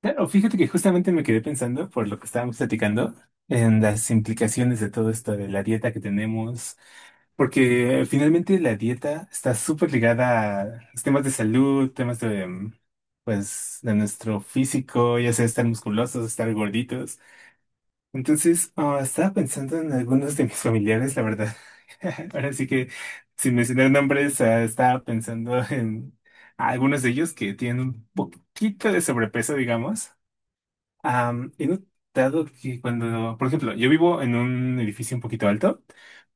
Claro, fíjate que justamente me quedé pensando por lo que estábamos platicando en las implicaciones de todo esto de la dieta que tenemos, porque finalmente la dieta está súper ligada a los temas de salud, temas de, pues, de nuestro físico, ya sea estar musculosos, estar gorditos. Entonces, estaba pensando en algunos de mis familiares, la verdad. Ahora sí que, sin mencionar nombres, estaba pensando en algunos de ellos que tienen un poquito de sobrepeso, digamos. He notado que cuando, por ejemplo, yo vivo en un edificio un poquito alto,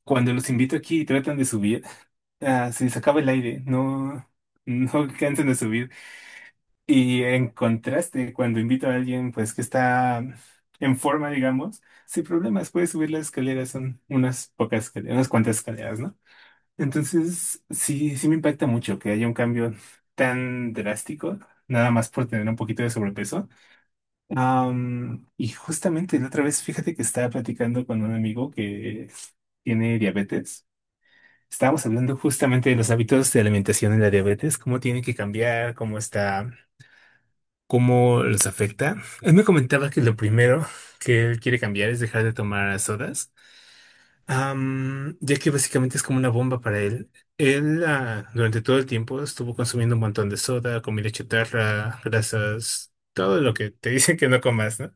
cuando los invito aquí y tratan de subir, se les acaba el aire, no, no cansan de subir. Y en contraste, cuando invito a alguien pues que está en forma, digamos, sin problemas, puede subir las escaleras, son unas pocas escaleras, unas cuantas escaleras, ¿no? Entonces, sí, sí me impacta mucho que haya un cambio tan drástico, nada más por tener un poquito de sobrepeso. Y justamente la otra vez, fíjate que estaba platicando con un amigo que tiene diabetes. Estábamos hablando justamente de los hábitos de alimentación en la diabetes, cómo tiene que cambiar, cómo está, cómo los afecta. Él me comentaba que lo primero que él quiere cambiar es dejar de tomar sodas, ya que básicamente es como una bomba para él. Él, durante todo el tiempo estuvo consumiendo un montón de soda, comida chatarra, grasas, todo lo que te dicen que no comas, ¿no?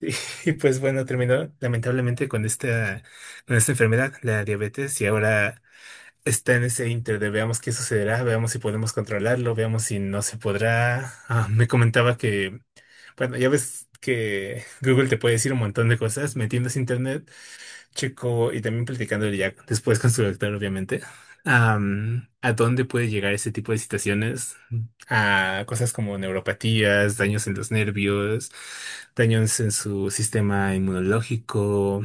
Y pues bueno, terminó lamentablemente con esta enfermedad, la diabetes, y ahora está en ese inter de veamos qué sucederá, veamos si podemos controlarlo, veamos si no se podrá. Me comentaba que, bueno, ya ves que Google te puede decir un montón de cosas metiendo ese internet. Chico, y también platicándole ya después con su doctor, obviamente, a dónde puede llegar ese tipo de situaciones, a cosas como neuropatías, daños en los nervios, daños en su sistema inmunológico,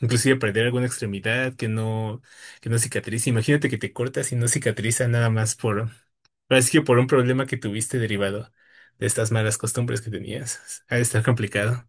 inclusive perder alguna extremidad que no cicatriza. Imagínate que te cortas y no cicatriza nada más por, parece que por un problema que tuviste derivado de estas malas costumbres que tenías. Ha de estar complicado.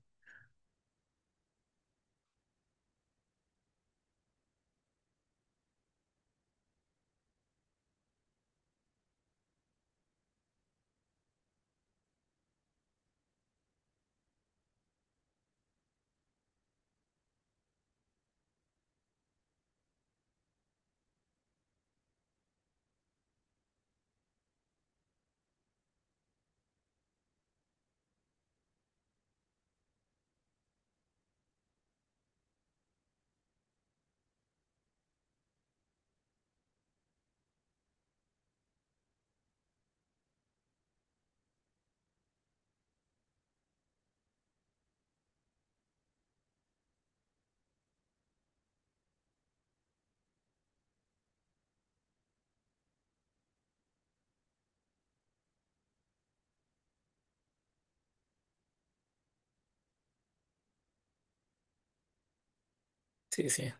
Sí, sí.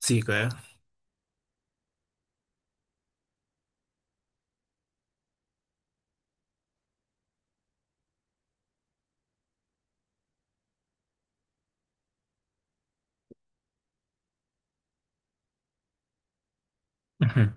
Sí, claro. Ujú.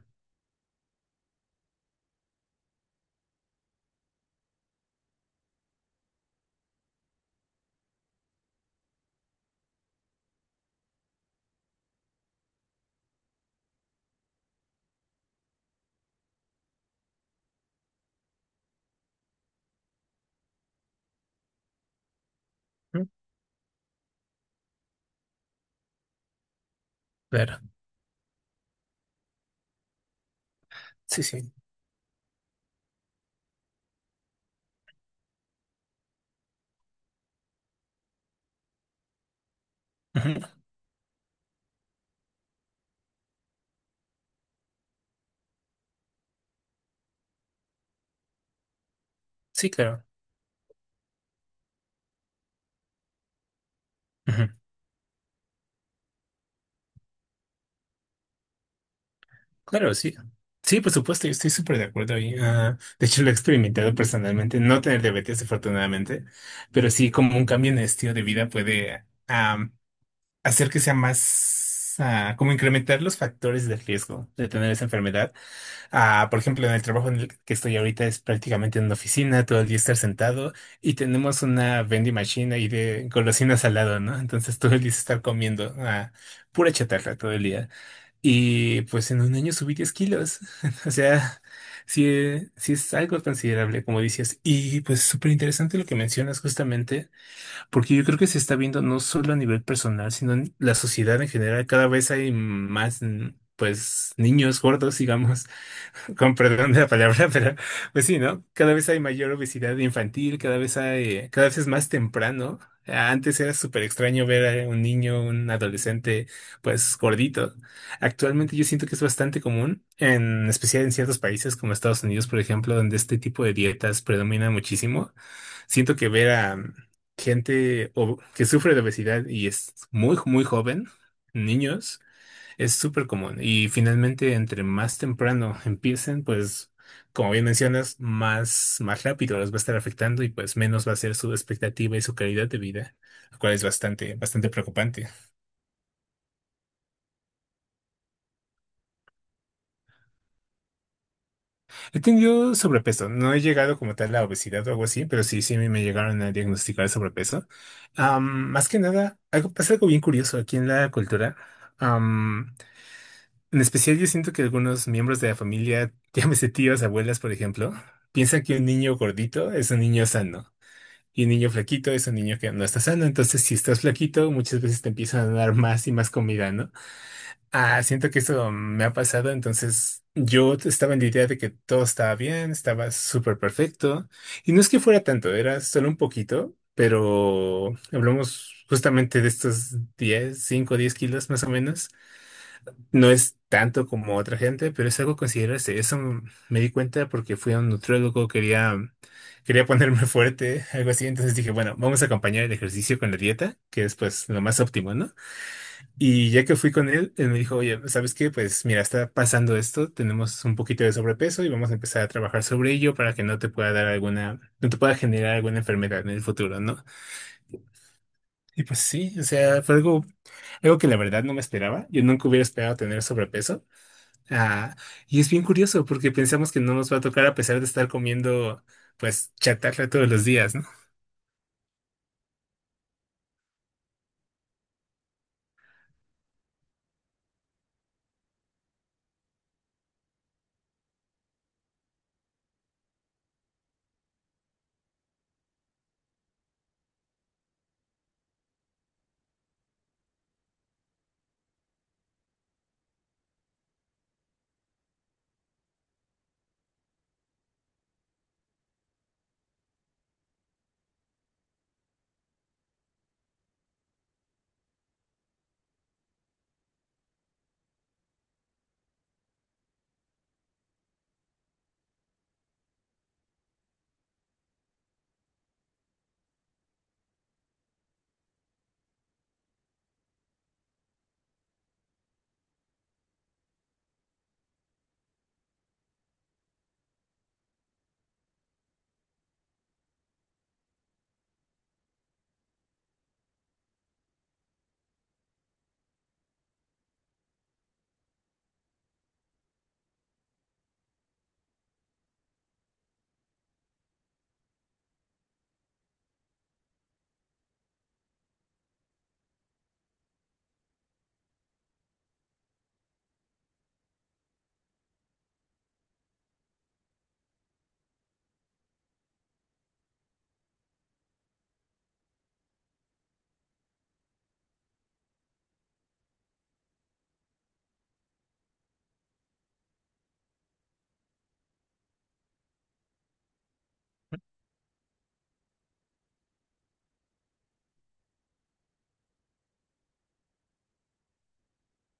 Claro. Sí, sí. Ujú. Sí, claro. Ujú. Claro, sí. Sí, por supuesto, yo estoy súper de acuerdo ahí. De hecho, lo he experimentado personalmente, no tener diabetes, afortunadamente, pero sí como un cambio en el estilo de vida puede hacer que sea más, como incrementar los factores de riesgo de tener esa enfermedad. Ah, por ejemplo, en el trabajo en el que estoy ahorita es prácticamente en una oficina, todo el día estar sentado y tenemos una vending machine ahí de golosinas al lado, ¿no? Entonces todo el día es estar comiendo pura chatarra todo el día. Y pues en un año subí 10 kilos. O sea, sí, sí es algo considerable, como dices. Y pues súper interesante lo que mencionas justamente, porque yo creo que se está viendo no solo a nivel personal, sino en la sociedad en general. Cada vez hay más, pues, niños gordos, digamos. Con perdón de la palabra, pero pues sí, ¿no? Cada vez hay mayor obesidad infantil, cada vez hay, cada vez es más temprano. Antes era súper extraño ver a un niño, un adolescente, pues gordito. Actualmente yo siento que es bastante común, en especial en ciertos países como Estados Unidos, por ejemplo, donde este tipo de dietas predomina muchísimo. Siento que ver a gente que sufre de obesidad y es muy, muy joven, niños. Es súper común y finalmente entre más temprano empiecen, pues como bien mencionas, más, más rápido los va a estar afectando y pues menos va a ser su expectativa y su calidad de vida, lo cual es bastante, bastante preocupante. He tenido sobrepeso, no he llegado como tal a obesidad o algo así, pero sí, sí me llegaron a diagnosticar sobrepeso. Más que nada, algo, pasa algo bien curioso aquí en la cultura. En especial yo siento que algunos miembros de la familia, llámese tíos, abuelas, por ejemplo, piensan que un niño gordito es un niño sano y un niño flaquito es un niño que no está sano. Entonces, si estás flaquito, muchas veces te empiezan a dar más y más comida, ¿no? Ah, siento que eso me ha pasado. Entonces, yo estaba en la idea de que todo estaba bien, estaba súper perfecto. Y no es que fuera tanto, era solo un poquito, pero hablamos justamente de estos 10, 5, 10 kilos más o menos. No es tanto como otra gente, pero es algo a considerarse. Eso me di cuenta porque fui a un nutriólogo, quería ponerme fuerte, algo así. Entonces dije, bueno, vamos a acompañar el ejercicio con la dieta, que es pues lo más óptimo, ¿no? Y ya que fui con él, él me dijo, oye, ¿sabes qué? Pues mira, está pasando esto, tenemos un poquito de sobrepeso y vamos a empezar a trabajar sobre ello para que no te pueda dar alguna, no te pueda generar alguna enfermedad en el futuro, ¿no? Y pues sí, o sea, fue algo, algo que la verdad no me esperaba. Yo nunca hubiera esperado tener sobrepeso. Ah, y es bien curioso porque pensamos que no nos va a tocar a pesar de estar comiendo, pues, chatarra todos los días, ¿no?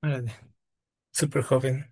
Órale. Súper joven.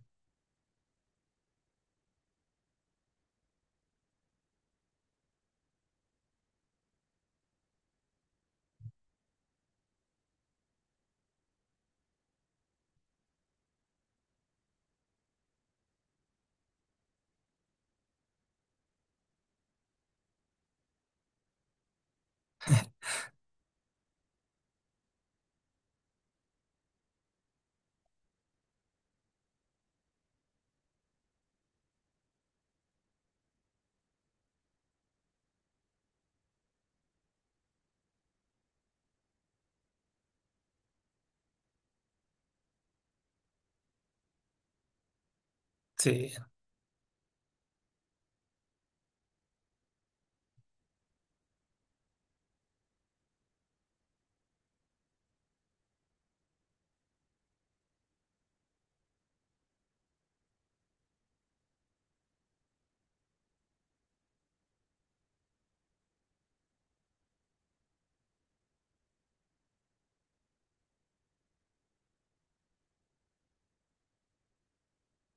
Sí.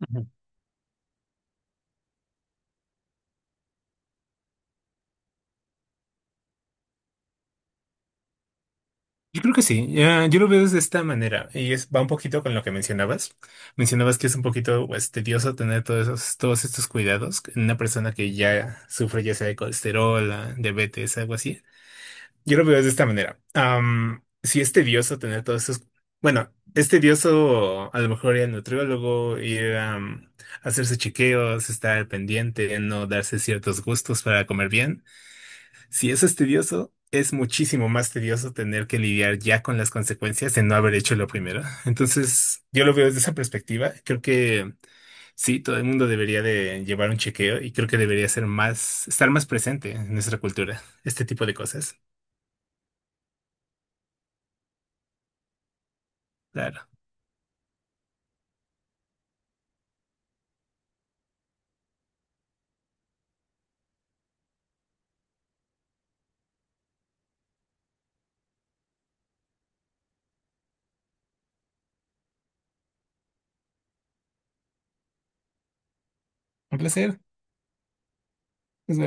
Ujú. Yo creo que sí, ya, yo lo veo de esta manera y es, va un poquito con lo que mencionabas. Mencionabas que es un poquito pues, tedioso tener todos esos, todos estos cuidados en una persona que ya sufre ya sea de colesterol, ah, diabetes, algo así. Yo lo veo de esta manera. Si es tedioso tener todos esos. Bueno, es tedioso a lo mejor ir al nutriólogo, ir a hacerse chequeos, estar al pendiente, no darse ciertos gustos para comer bien. Si eso es tedioso, es muchísimo más tedioso tener que lidiar ya con las consecuencias de no haber hecho lo primero. Entonces, yo lo veo desde esa perspectiva. Creo que sí, todo el mundo debería de llevar un chequeo y creo que debería ser más, estar más presente en nuestra cultura, este tipo de cosas. Claro. Un placer. Nos vemos.